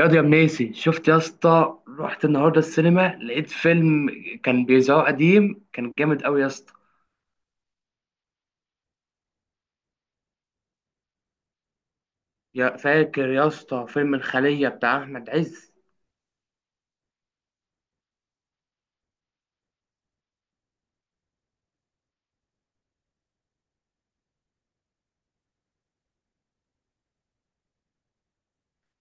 ياض يا منيسي، شفت يا اسطى؟ رحت النهارده السينما لقيت فيلم كان بيذاعوه قديم، كان جامد قوي يا اسطى. يا فاكر يا اسطى فيلم الخلية بتاع احمد عز؟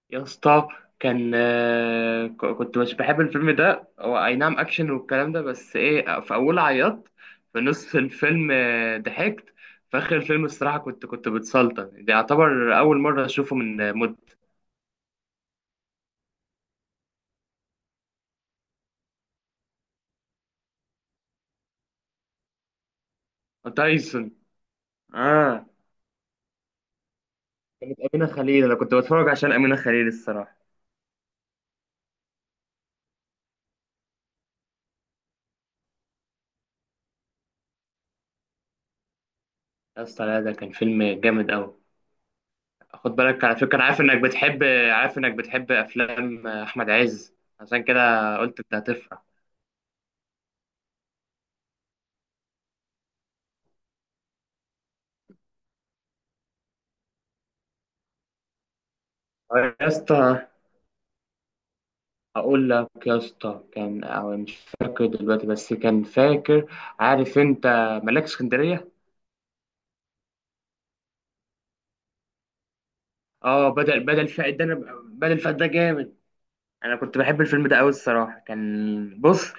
يا اسطى كان كنت مش بحب الفيلم ده، هو اي نعم اكشن والكلام ده، بس ايه، في اول عيطت، في نص الفيلم ضحكت، في اخر الفيلم الصراحة كنت بتسلطن. ده يعتبر اول مرة اشوفه من مدة. تايسون، اه. كانت أمينة خليل، أنا كنت بتفرج عشان أمينة خليل الصراحة. يا اسطى لا، ده كان فيلم جامد قوي. خد بالك على فكرة، أنا عارف إنك بتحب، عارف إنك بتحب أفلام أحمد عز، عشان كده قلت أنت هتفرح. طيب يا اسطى، أقول لك يا اسطى كان، أو مش فاكر دلوقتي، بس كان فاكر، عارف أنت ملاك اسكندرية؟ أه، بدل فاقد، بدل فاقد ده جامد. انا كنت بحب الفيلم ده قوي الصراحه. كان بص،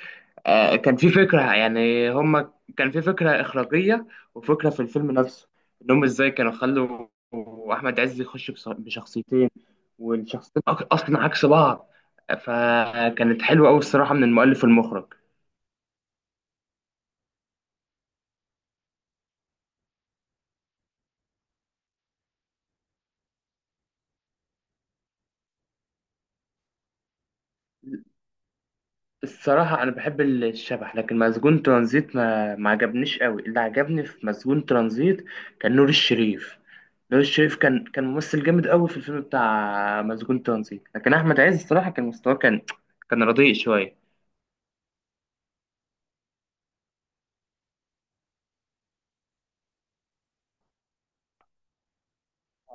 كان في فكره يعني، هما كان في فكره اخراجيه وفكره في الفيلم نفسه، انهم ازاي كانوا خلوا احمد عز يخش بشخصيتين، والشخصيتين اصلا عكس بعض. فكانت حلوه قوي الصراحه من المؤلف والمخرج. الصراحه انا بحب الشبح، لكن مسجون ترانزيت ما عجبنيش قوي. اللي عجبني في مسجون ترانزيت كان نور الشريف. نور الشريف كان ممثل جامد قوي في الفيلم بتاع مسجون ترانزيت، لكن احمد عز الصراحه كان مستواه كان، كان رديء شويه.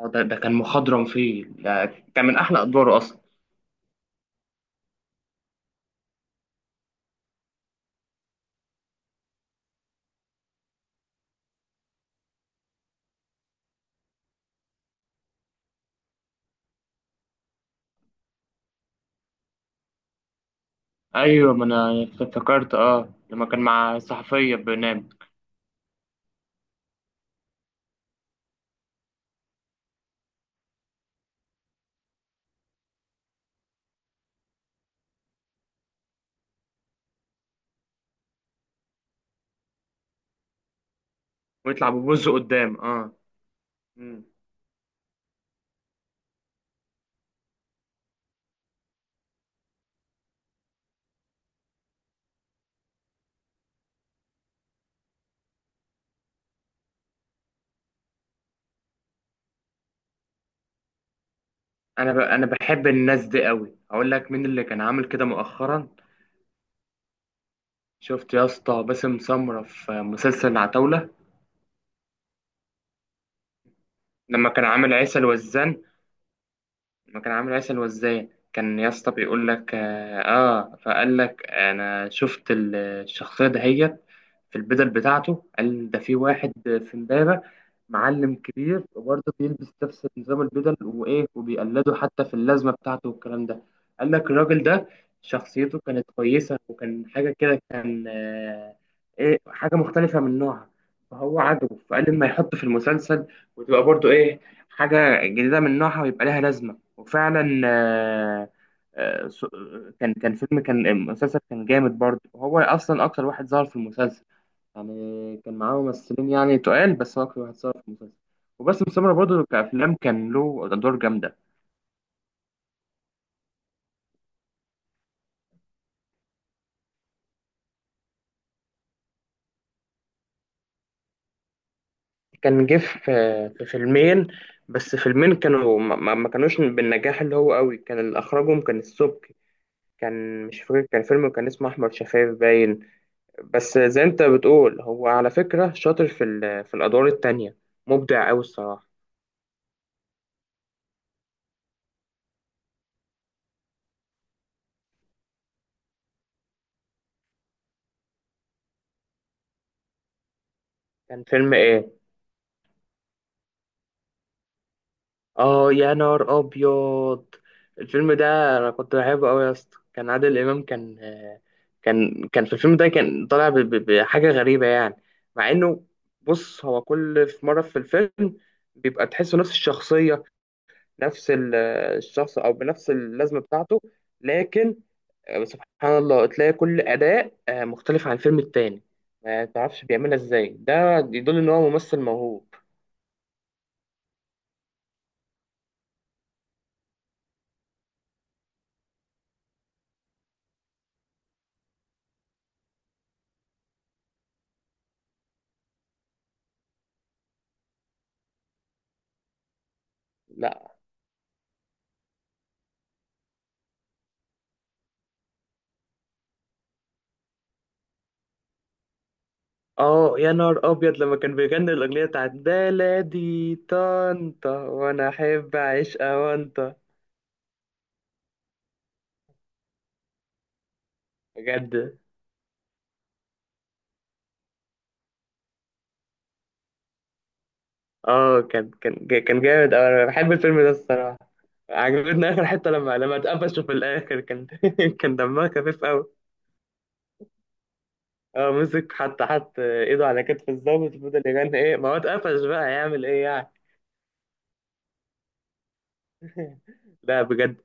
اه ده, ده كان مخضرم فيه، ده كان من احلى ادواره اصلا. ايوه ما انا افتكرت، اه لما كان مع صحفيه بنام، ويطلع ببوز قدام اه. مم. انا انا بحب الناس دي قوي. هقول لك مين اللي كان عامل كده مؤخرا، شفت يا اسطى باسم سمره في مسلسل العتاوله؟ لما كان عامل عيسى الوزان، ما كان عامل عسل، وازاي كان يا اسطى بيقول لك اه، فقال لك انا شفت الشخصيه دهيت في البدل بتاعته، قال ده في واحد في امبابه معلم كبير وبرضه بيلبس نفس نظام البدل وايه، وبيقلده حتى في اللازمه بتاعته والكلام ده. قال لك الراجل ده شخصيته كانت كويسه، وكان حاجه كده كان آه، ايه، حاجه مختلفه من نوعها. فهو عجبه فقال لما يحطه في المسلسل، وتبقى برضه ايه، حاجه جديده من نوعها ويبقى لها لازمه. وفعلا آه، س- كان فيلم، كان مسلسل كان جامد برضه. هو اصلا اكتر واحد ظهر في المسلسل، يعني كان معاه ممثلين يعني تقال، بس هو اكتر واحد ظهر في المسلسل. وباسم سمرة برضه كأفلام كان له أدوار جامدة. كان جه في، في فيلمين، بس فيلمين كانوا ما, ما ما كانوش بالنجاح اللي هو قوي، كان اللي أخرجهم كان السبكي. كان مش فاكر، كان فيلم كان اسمه أحمر شفايف باين. بس زي انت بتقول، هو على فكرة شاطر في في الأدوار التانية، مبدع أوي الصراحة. كان فيلم إيه؟ آه يا نار أبيض، الفيلم ده أنا كنت بحبه أوي يا اسطى. كان عادل إمام كان، كان في الفيلم ده كان طالع بحاجة غريبة يعني، مع إنه، بص هو كل في مرة في الفيلم بيبقى تحسه نفس الشخصية، نفس الشخص أو بنفس اللازمة بتاعته. لكن بس سبحان الله تلاقي كل أداء مختلف عن الفيلم التاني. ما تعرفش بيعملها ازاي، ده يدل ان هو ممثل موهوب. لا. اه يا نهار ابيض، لما كان بيغني الاغنيه بتاعت بلدي طنطا وانا احب اعيش اوانطا. بجد، اه كان جامد أوي. انا بحب الفيلم ده الصراحه. عجبتني اخر حته لما لما اتقفشوا في الاخر كان كان دمها خفيف قوي. اه مسك، حتى حط ايده على كتف الضابط وفضل يغني ايه، ما هو اتقفش بقى، هيعمل ايه يعني؟ لا بجد،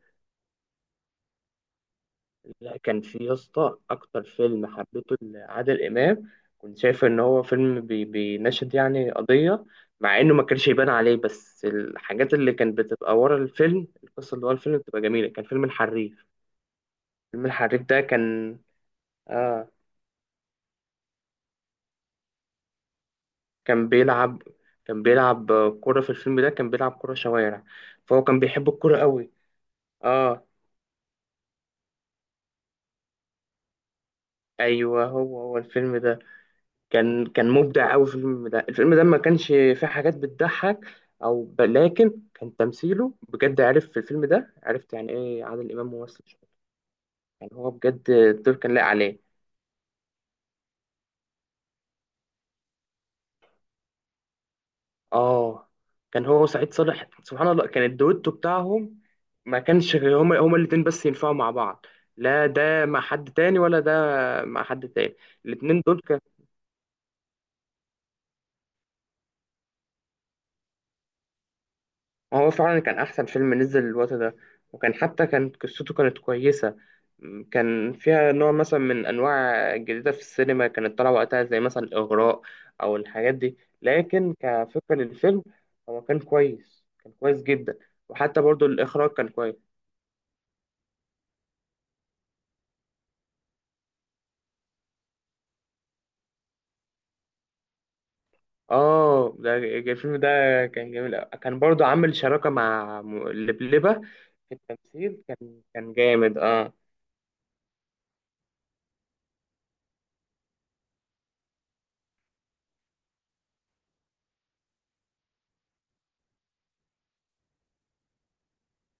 لا كان في يا اسطى اكتر فيلم حبيته لعادل امام، كنت شايف ان هو فيلم بي بيناشد يعني قضيه، مع انه ما كانش يبان عليه، بس الحاجات اللي كانت بتبقى ورا الفيلم، القصه اللي ورا الفيلم بتبقى جميله، كان فيلم الحريف. فيلم الحريف ده كان آه، كان بيلعب كان بيلعب كرة في الفيلم ده، كان بيلعب كرة شوارع، فهو كان بيحب الكرة قوي. اه ايوه هو هو الفيلم ده، كان مبدع قوي في الفيلم ده. الفيلم ده ما كانش فيه حاجات بتضحك لكن كان تمثيله بجد، عرف في الفيلم ده، عرفت يعني ايه عادل امام ممثل شاطر. يعني هو بجد الدور كان لايق عليه. اه كان هو وسعيد صالح، سبحان الله كان الدويتو بتاعهم، ما كانش غير هما الاتنين بس ينفعوا مع بعض، لا ده مع حد تاني ولا ده مع حد تاني. الاتنين دول هو فعلا كان أحسن فيلم نزل الوقت ده، وكان حتى كانت قصته كانت كويسة. كان فيها نوع مثلا من أنواع جديدة في السينما كانت طالعة وقتها، زي مثلا الإغراء أو الحاجات دي، لكن كفكرة للفيلم، هو كان كويس، كان كويس جدا. وحتى برضو الإخراج كان كويس. آه الفيلم ده كان جميل أوي. كان برضو عامل شراكة مع لبلبة في التمثيل، كان جامد آه.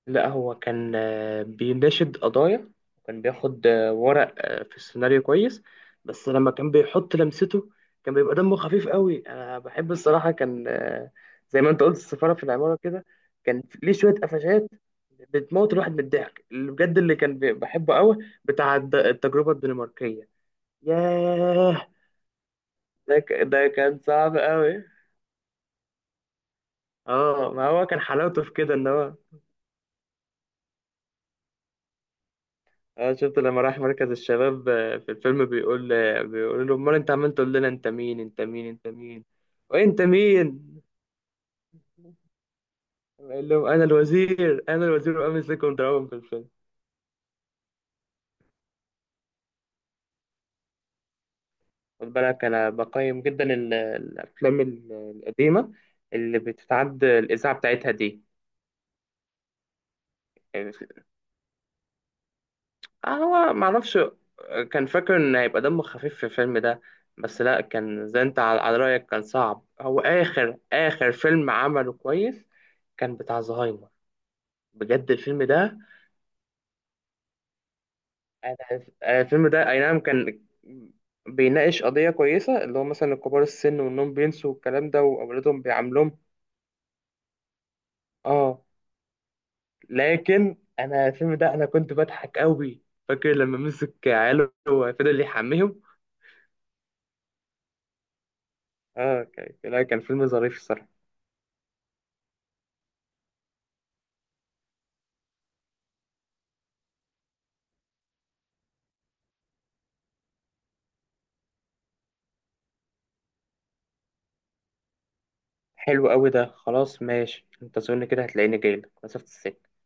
لا هو كان بيناشد قضايا، وكان بياخد ورق في السيناريو كويس، بس لما كان بيحط لمسته كان بيبقى دمه خفيف قوي. انا بحب الصراحة كان زي ما انت قلت السفارة في العمارة كده، كان ليه شوية قفشات بتموت الواحد من الضحك، اللي بجد اللي كان بحبه قوي بتاع التجربة الدنماركية، ياه. ده كان صعب قوي. اه ما هو كان حلاوته في كده، ان هو، اه شفت لما راح مركز الشباب في الفيلم بيقول بيقول له امال انت عمال تقول لنا انت مين انت مين انت مين وانت مين، قال لهم انا الوزير انا الوزير، وامسكهم ضربهم في الفيلم. خد بالك انا بقيم جدا الافلام القديمه اللي بتتعد الاذاعه بتاعتها دي. يعني، هو معرفش، كان فاكر ان هيبقى دمه خفيف في الفيلم ده، بس لا كان زي انت على على رايك كان صعب. هو اخر اخر فيلم عمله كويس كان بتاع زهايمر، بجد الفيلم ده. انا أنا الفيلم ده اي نعم كان بيناقش قضية كويسة، اللي هو مثلا كبار السن، وانهم بينسوا الكلام ده واولادهم بيعاملوهم، اه. لكن انا الفيلم ده انا كنت بضحك قوي، فاكر لما مسك عياله وفضل يحميهم. اه كان، لا كان فيلم ظريف الصراحة. حلو قوي، ده خلاص ماشي، انت زورني كده هتلاقيني جايلك مسافة السكة.